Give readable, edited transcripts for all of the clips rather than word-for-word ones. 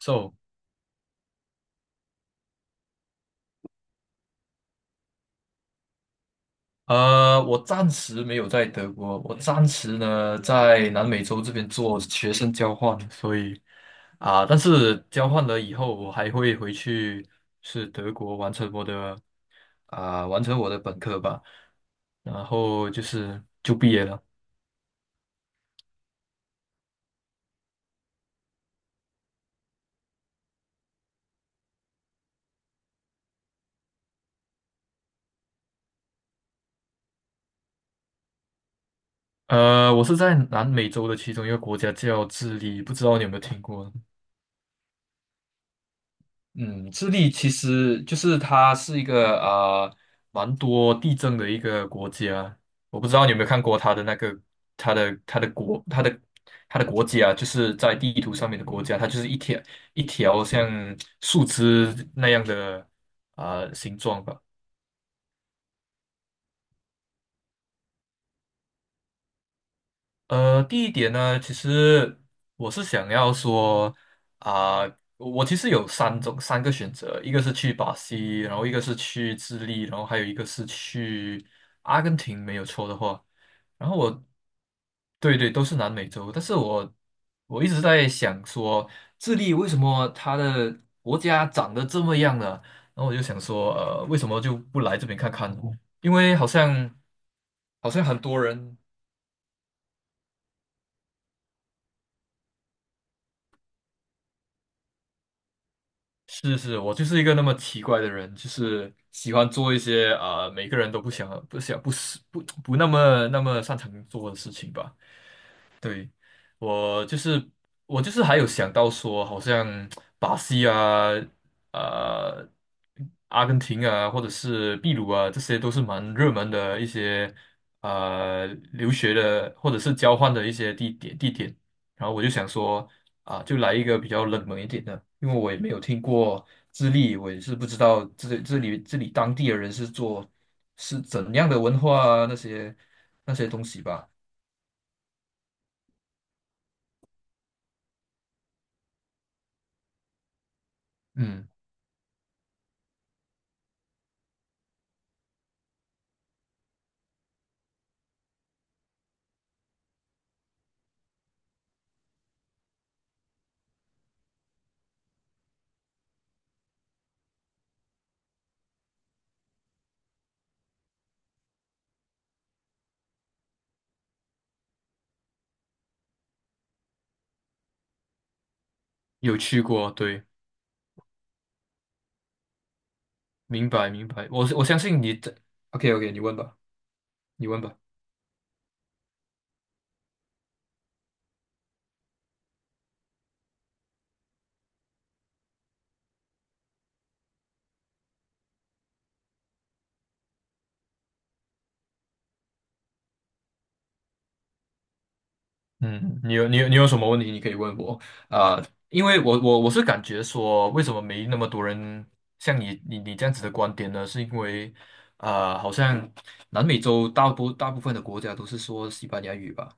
So，我暂时没有在德国，我暂时呢在南美洲这边做学生交换，所以但是交换了以后，我还会回去是德国完成我的本科吧，然后就是就毕业了。我是在南美洲的其中一个国家叫智利，不知道你有没有听过？嗯，智利其实就是它是一个蛮多地震的一个国家。我不知道你有没有看过它的那个它的它的国它的它的国家，就是在地图上面的国家，它就是一条像树枝那样的形状吧。第一点呢，其实我是想要说啊、我其实有三个选择，一个是去巴西，然后一个是去智利，然后还有一个是去阿根廷，没有错的话。然后我，对对，都是南美洲，但是我一直在想说，智利为什么它的国家长得这么样呢？然后我就想说，为什么就不来这边看看呢？因为好像很多人。是是，我就是一个那么奇怪的人，就是喜欢做一些每个人都不想不想不是不不那么那么擅长做的事情吧。对，我就是我就是还有想到说，好像巴西啊、呃、阿根廷啊，或者是秘鲁啊，这些都是蛮热门的一些呃留学的或者是交换的一些地点。然后我就想说就来一个比较冷门一点的，因为我也没有听过智利，我也是不知道这里当地的人是怎样的文化啊那些东西吧。嗯。有去过，对，明白明白。我相信你这，OK OK，你问吧，你问吧。嗯，你有什么问题你可以问我啊，因为我是感觉说，为什么没那么多人像你这样子的观点呢？是因为好像南美洲大部分的国家都是说西班牙语吧。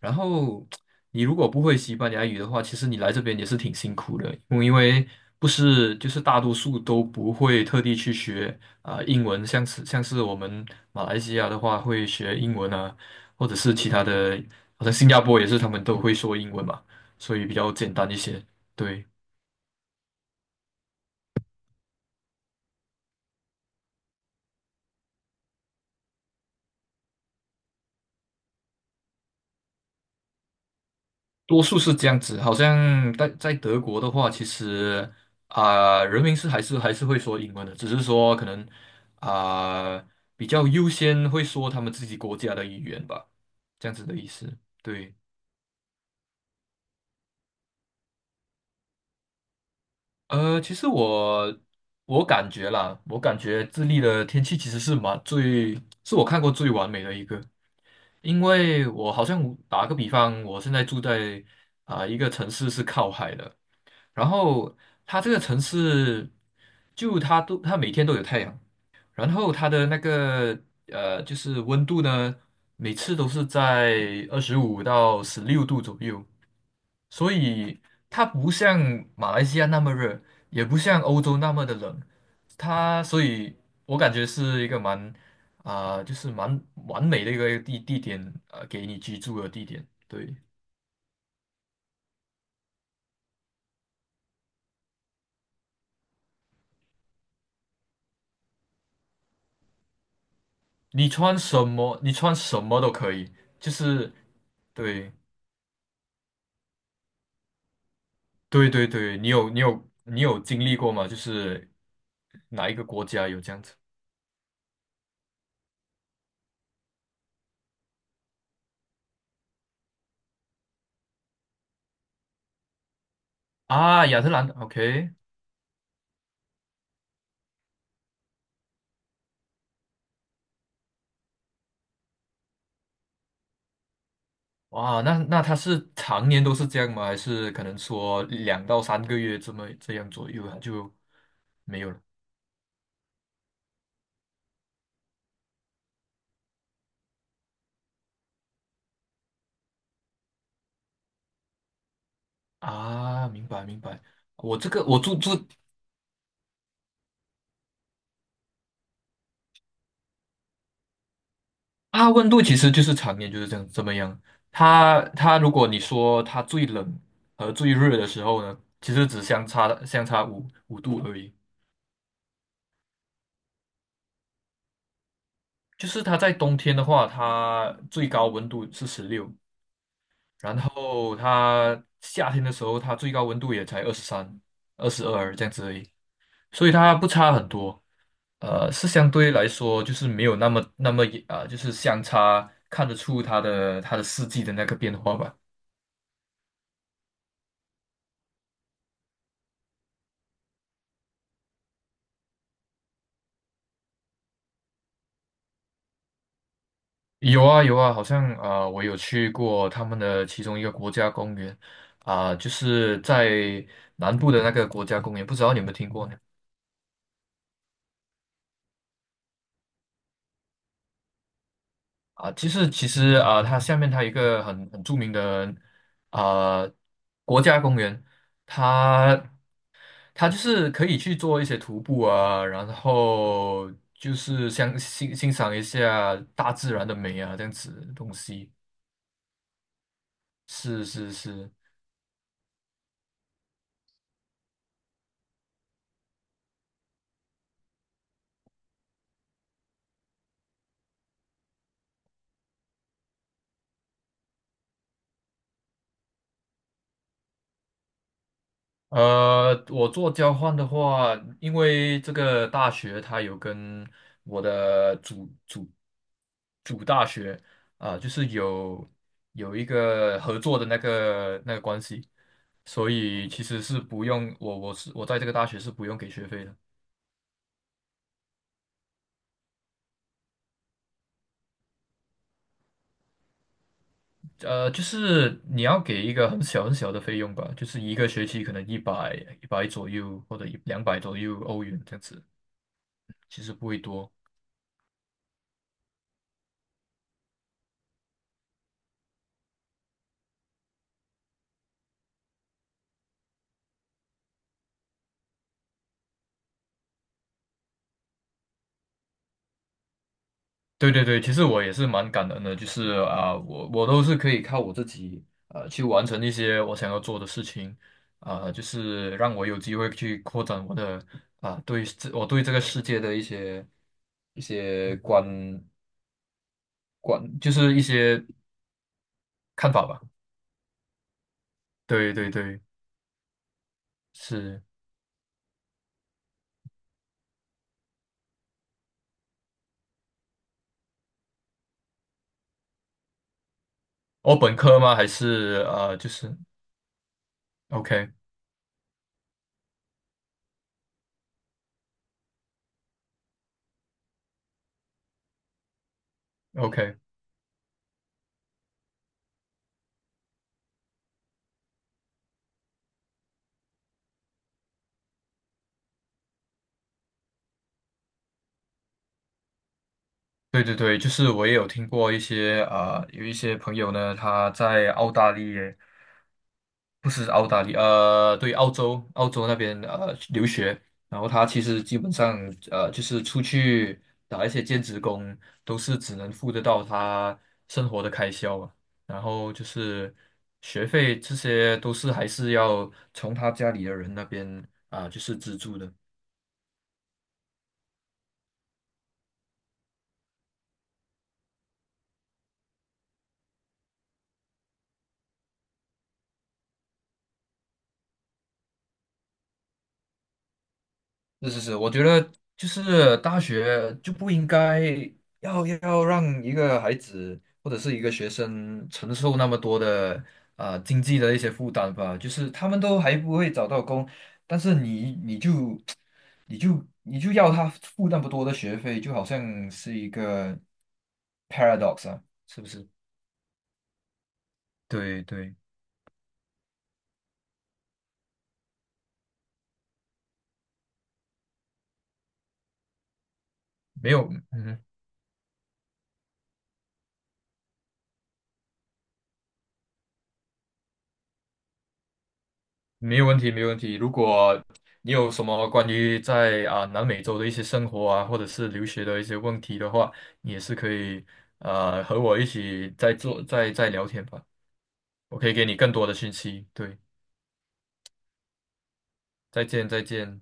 然后你如果不会西班牙语的话，其实你来这边也是挺辛苦的，因为不是就是大多数都不会特地去学英文，像是我们马来西亚的话会学英文啊，或者是其他的，好像新加坡也是他们都会说英文嘛，所以比较简单一些。对。多数是这样子，好像在德国的话，其实人民是还是会说英文的，只是说可能啊、比较优先会说他们自己国家的语言吧，这样子的意思。对，其实我感觉啦，我感觉智利的天气其实是蛮最，是我看过最完美的一个，因为我好像打个比方，我现在住在一个城市是靠海的。然后它这个城市，就它每天都有太阳，然后它的那个就是温度呢，每次都是在25到16度左右，所以它不像马来西亚那么热，也不像欧洲那么的冷，它所以我感觉是一个蛮就是蛮完美的一个地点，给你居住的地点。对，你穿什么，你穿什么都可以，就是对。对对对，你有经历过吗？就是哪一个国家有这样子啊？亚特兰， o k， 哇，那他是常年都是这样吗？还是可能说2到3个月这样左右啊就没有了啊？明白明白，我这个我住住啊，温度其实就是常年就是这样。它如果你说它最冷和最热的时候呢，其实只相差五度而已。就是它在冬天的话，它最高温度是十六，然后它夏天的时候，它最高温度也才23、22这样子而已，所以它不差很多。是相对来说就是没有那么就是相差看得出它的四季的那个变化吧。有啊有啊，好像我有去过他们的其中一个国家公园就是在南部的那个国家公园，不知道你有没有听过呢？啊，其实啊，它下面它有一个很著名的啊国家公园，它它就是可以去做一些徒步啊，然后就是像赏一下大自然的美啊，这样子的东西。是是是，我做交换的话，因为这个大学它有跟我的主大学就是有一个合作的那个关系，所以其实是不用我我是我在这个大学是不用给学费的，就是你要给一个很小很小的费用吧，就是一个学期可能一百左右或者一两百左右欧元这样子，其实不会多。对对对，其实我也是蛮感恩的，就是我都是可以靠我自己去完成一些我想要做的事情，就是让我有机会去扩展我的啊、对这我对这个世界的一些就是一些看法吧。对对对，是我本科吗？还是啊，就是 OK OK。对对对，就是我也有听过一些有一些朋友呢，他在澳大利亚，不是澳大利亚，对，澳洲，那边留学，然后他其实基本上就是出去打一些兼职工，都是只能付得到他生活的开销啊，然后就是学费这些都是还是要从他家里的人那边就是资助的。是是是，我觉得就是大学就不应该要让一个孩子或者是一个学生承受那么多的经济的一些负担吧。就是他们都还不会找到工，但是你就要他付那么多的学费，就好像是一个 paradox 啊，是不是？对对，没有，嗯哼，没有问题，没有问题。如果你有什么关于在南美洲的一些生活啊，或者是留学的一些问题的话，你也是可以和我一起再做再再聊天吧。我可以给你更多的信息。对，再见，再见。